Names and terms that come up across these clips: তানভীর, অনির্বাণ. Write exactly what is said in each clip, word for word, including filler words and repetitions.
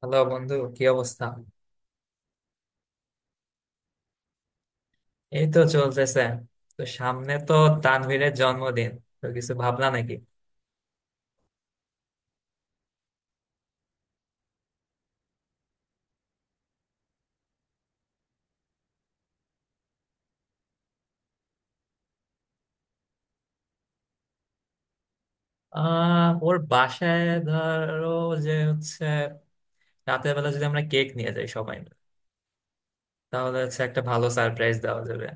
Hello বন্ধু, কি অবস্থা? এই তো চলতেছে। তো সামনে তো তানভীরের জন্মদিন। তো কিছু ভাবনা নাকি? আহ ওর বাসায়, ধরো, যে হচ্ছে রাতের বেলা যদি আমরা কেক নিয়ে যাই সবাই মিলে, তাহলে হচ্ছে একটা ভালো সারপ্রাইজ দেওয়া যাবে।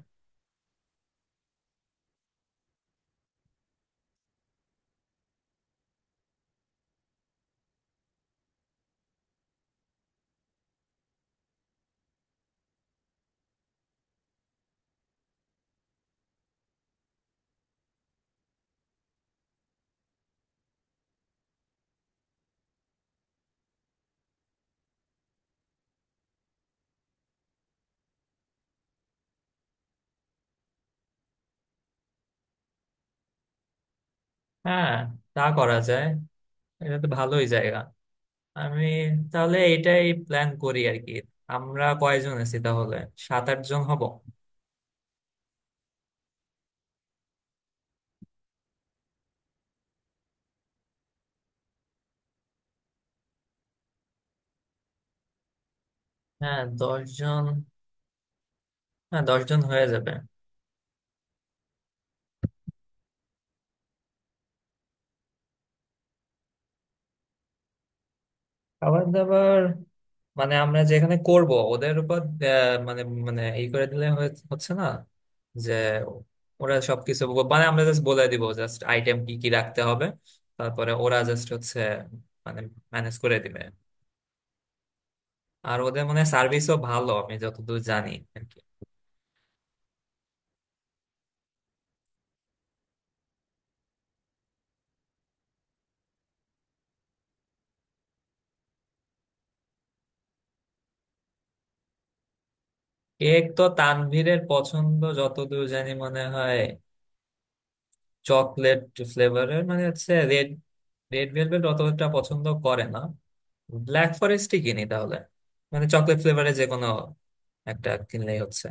হ্যাঁ, তা করা যায়, এটা তো ভালোই জায়গা। আমি তাহলে এটাই প্ল্যান করি আর কি। আমরা কয়জন আছি তাহলে? সাত আট জন হব। হ্যাঁ, দশ জন। হ্যাঁ, দশ জন হয়ে যাবে। খাবার দাবার মানে আমরা যেখানে করব ওদের উপর। আহ, মানে মানে ই করে দিলে হয়ে- হচ্ছে না, যে ওরা সবকিছু ব- মানে আমরা জাস্ট বলে দিব জাস্ট আইটেম কি কি রাখতে হবে। তারপরে ওরা জাস্ট হচ্ছে মানে ম্যানেজ করে দিবে। আর ওদের মানে সার্ভিসও ভালো আমি যতদূর জানি আর কি। কেক তো তানভীরের পছন্দ যতদূর জানি মনে হয় চকলেট ফ্লেভারের, মানে হচ্ছে রেড রেড ভেলভেট অতটা পছন্দ করে না, ব্ল্যাক ফরেস্টই কিনি তাহলে। মানে চকলেট ফ্লেভারে যে কোনো একটা কিনলেই হচ্ছে।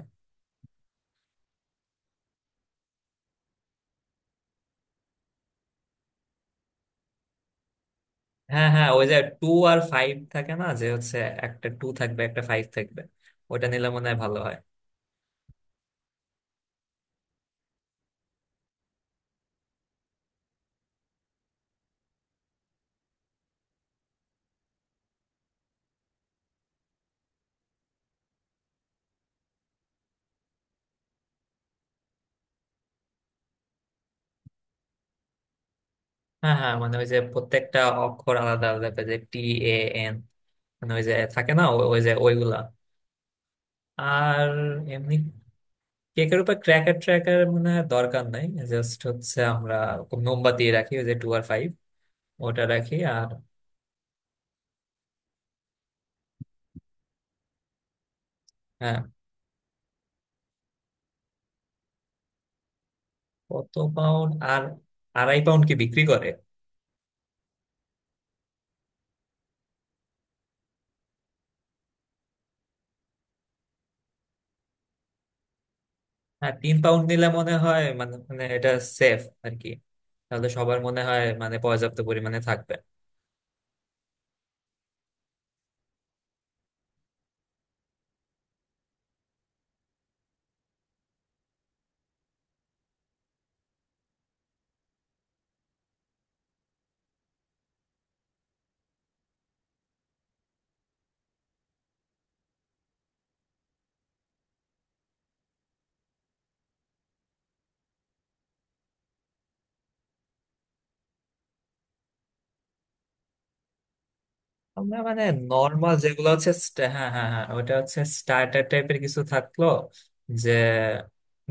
হ্যাঁ, হ্যাঁ, ওই যে টু আর ফাইভ থাকে না, যে হচ্ছে একটা টু থাকবে একটা ফাইভ থাকবে, ওটা নিলে মনে হয় ভালো হয়। হ্যাঁ, হ্যাঁ, মানে ওই যে প্রত্যেকটা অক্ষর আলাদা আলাদা করে, যে টি এ এন, মানে ওই যে থাকে না, ও- ওই যে ওইগুলা। আর এমনি কেকের উপর ক্র্যাকার ট্র্যাকার মনে হয় দরকার নাই। জাস্ট হচ্ছে আমরা খুব মোমবাতি রাখি ওই যে টু আর ফাইভ, ওটা রাখি আর। হ্যাঁ। কত পাউন্ড আর? আড়াই পাউন্ড কি বিক্রি করে? হ্যাঁ, তিন পাউন্ড নিলে মনে হয় মানে মানে এটা সেফ আর কি। তাহলে সবার মনে হয় মানে পর্যাপ্ত পরিমাণে থাকবে। আমরা মানে নর্মাল যেগুলো হচ্ছে st- হ্যাঁ, হ্যাঁ, হ্যাঁ, ওটা হচ্ছে স্টার্টার টাইপের কিছু থাকলো, যে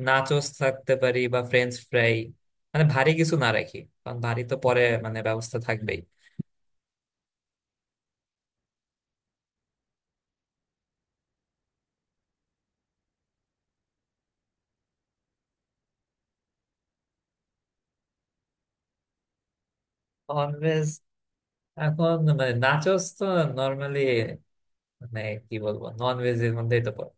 নাচোস থাকতে পারি বা ফ্রেঞ্চ ফ্রাই, মানে ভারী কিছু না রাখি কারণ ভারী তো পরে মানে ব্যবস্থা থাকবেই। ননভেজ? এখন মানে নাচোস তো নর্মালি মানে কি বলবো ননভেজ এর মধ্যেই তো পড়ে।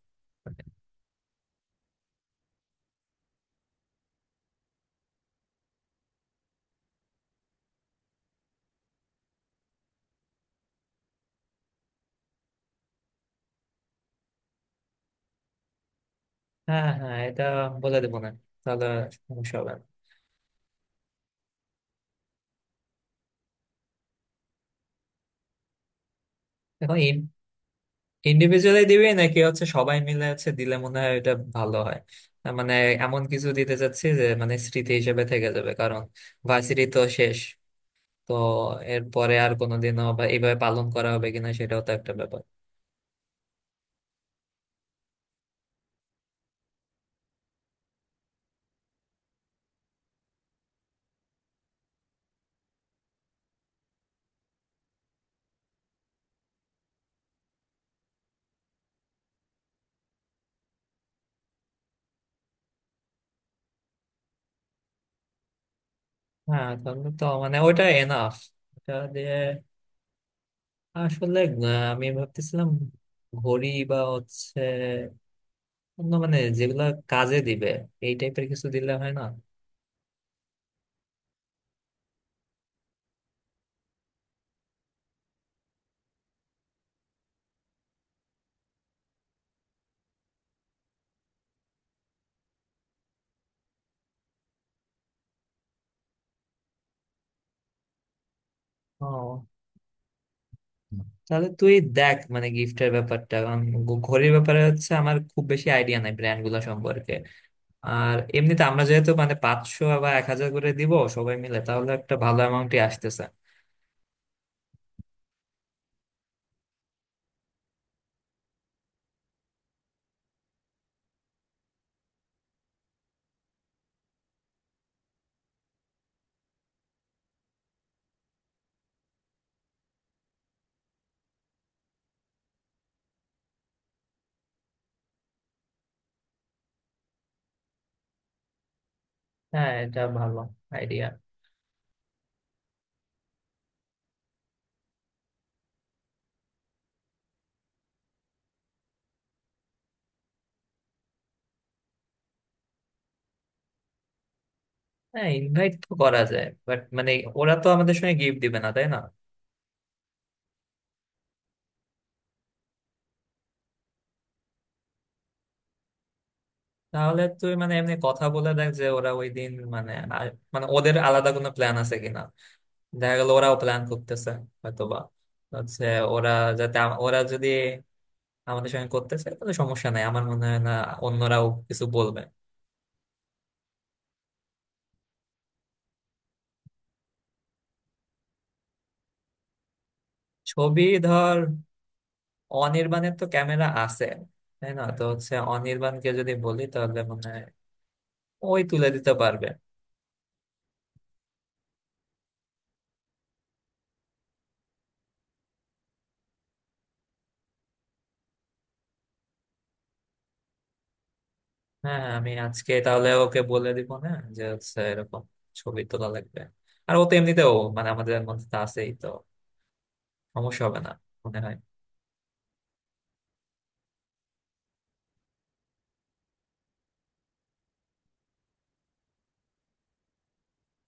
হ্যাঁ, হ্যাঁ, হ্যাঁ, এটা বলে দেবো না, তাহলে সমস্যা হবে না। এখন ইন্ডিভিজুয়ালি দিবে নাকি হচ্ছে সবাই মিলে হচ্ছে দিলে মনে হয় এটা ভালো হয়। তার মানে এমন কিছু দিতে চাচ্ছি যে মানে স্মৃতি হিসেবে থেকে যাবে, কারণ ভার্সিটি তো শেষ, তো এরপরে আর কোনোদিনও বা এইভাবে পালন করা হবে কিনা সেটাও তো একটা ব্যাপার। হ্যাঁ, তাহলে তো মানে ওইটা এনাফ। এটা দিয়ে আসলে আহ, আমি ভাবতেছিলাম ঘড়ি বা হচ্ছে অন্য মানে যেগুলা কাজে দিবে, এই টাইপের কিছু দিলে হয় না? ও, তাহলে তুই দেখ মানে গিফটের ব্যাপারটা, কারণ ঘ- ঘড়ির ব্যাপারে হচ্ছে আমার খুব বেশি আইডিয়া নাই ব্র্যান্ড গুলো সম্পর্কে। আর এমনিতে আমরা যেহেতু মানে পাঁচশো বা এক হাজার করে দিব সবাই মিলে, তাহলে একটা ভালো অ্যামাউন্টই আসতেছে। হ্যাঁ, এটা ভালো আইডিয়া। হ্যাঁ, ইনভাইট তো করা যায়, বাট মানে ওরা তো আমাদের সঙ্গে গিফট দিবে না, তাই না? তাহলে তুই মানে এমনি কথা বলে দেখ যে ওরা ওই দিন মানে আর- মানে ওদের আলাদা কোনো প্ল্যান আছে কিনা, দেখা গেল ওরাও প্ল্যান করতেছে হয়তোবা, হচ্ছে ওরা। যাতে আম- ওরা যদি আমাদের সঙ্গে করতেছে, কোনো সমস্যা নাই, আমার মনে হয় না অন্যরাও কিছু বলবে। ছবি, ধর। অনির্বাণের তো ক্যামেরা আছে, তাই না? তো হচ্ছে অনির্বাণকে যদি বলি তাহলে মনে হয় ওই তুলে দিতে পারবে। হ্যাঁ, আমি আজকে তাহলে ওকে বলে দিব না, যে হচ্ছে এরকম ছবি তোলা লাগবে। আর ও তো এমনিতেও মানে আমাদের মধ্যে তো আছেই তো, সমস্যা হবে না মনে হয়।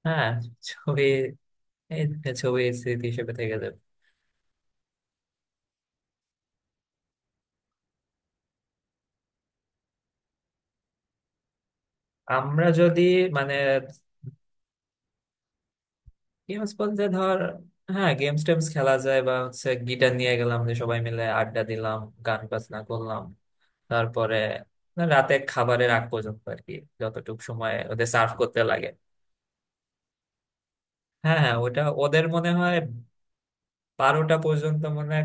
হ্যাঁ, ছবি, এই ছবি স্মৃতি হিসেবে থেকে যাবে। আমরা যদি মানে গেমস বলতে ধর, হ্যাঁ, গেমস টেমস খেলা যায়, বা হচ্ছে গিটার নিয়ে গেলাম, যে সবাই মিলে আড্ডা দিলাম, গান বাজনা করলাম। তারপরে রাতে খাবারের আগ পর্যন্ত আর কি, যতটুকু সময় ওদের সার্ভ করতে লাগে। হ্যাঁ, হ্যাঁ, ওটা ওদের মনে হয় বারোটা পর্যন্ত মনে হয়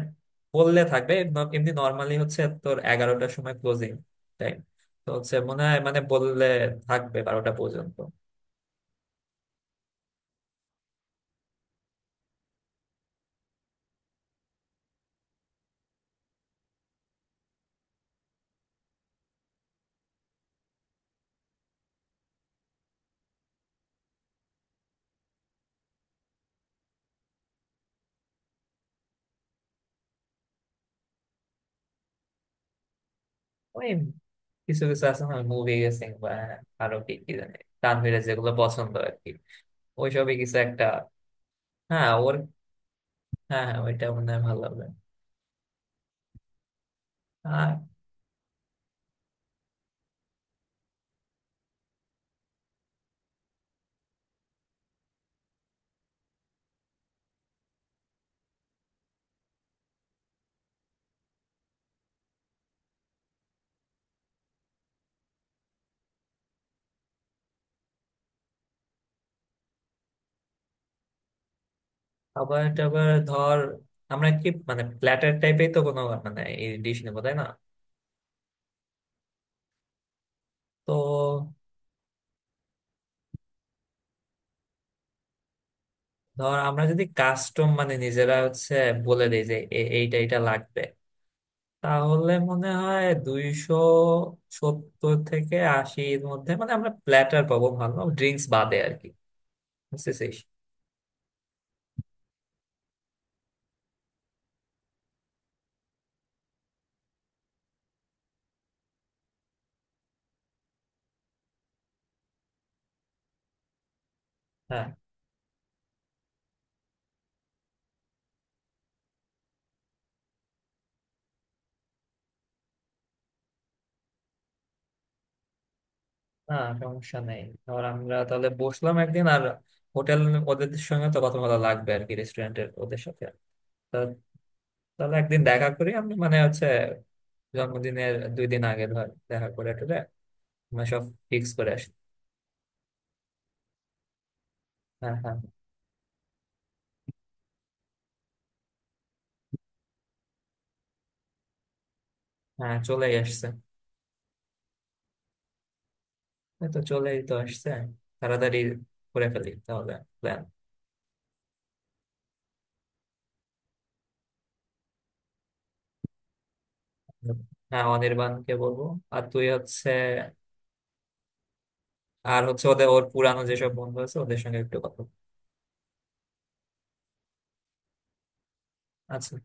বললে থাকবে, ন- এমনি নর্মালি হচ্ছে তোর এগারোটার সময় ক্লোজিং টাইম, তো হচ্ছে মনে হয় মানে বললে থাকবে বারোটা পর্যন্ত। ওই কিছু কিছু আছে না মুভি গেসিং বা আরো কি কি জানি তানভীরের যেগুলো পছন্দ আর কি, ওইসবই কিছু একটা। হ্যাঁ, ওর, হ্যাঁ, হ্যাঁ, ওইটা মনে হয় ভালো লাগবে। আর আবার টাবার ধর আমরা কি মানে প্ল্যাটার টাইপের তো কোনো মানে এই ডিশ নেবো, তাই না? তো ধর আমরা যদি কাস্টম মানে নিজেরা হচ্ছে বলে দিই যে এ- এইটা এইটা লাগবে, তাহলে মনে হয় দুইশো সত্তর থেকে আশির মধ্যে মানে আমরা প্ল্যাটার পাবো, ভালো, ড্রিঙ্কস বাদে আর কি, বুঝতেছিস। হ্যাঁ, না, সমস্যা নেই। ধর আমরা তাহলে বসলাম একদিন আর হোটেল, ওদের সঙ্গে তো কথা বলা লাগবে আর কি, রেস্টুরেন্টের ওদের সাথে। তা তাহলে একদিন দেখা করি আমি মানে হচ্ছে জন্মদিনের দুই দিন আগে ধর দেখা করে টরে, মানে সব ফিক্স করে আসি। হ্যাঁ, হ্যাঁ, হ্যাঁ, চলেই আসছে। এই তো চলেই তো আসছে, তাড়াতাড়ি করে ফেলি তাহলে প্ল্যান। হ্যাঁ, অনির্বাণকে বলবো। আর তুই হচ্ছে, আর হচ্ছে ওদের, ওর পুরানো যেসব বন্ধু আছে ওদের সঙ্গে একটু কথা বল। আচ্ছা।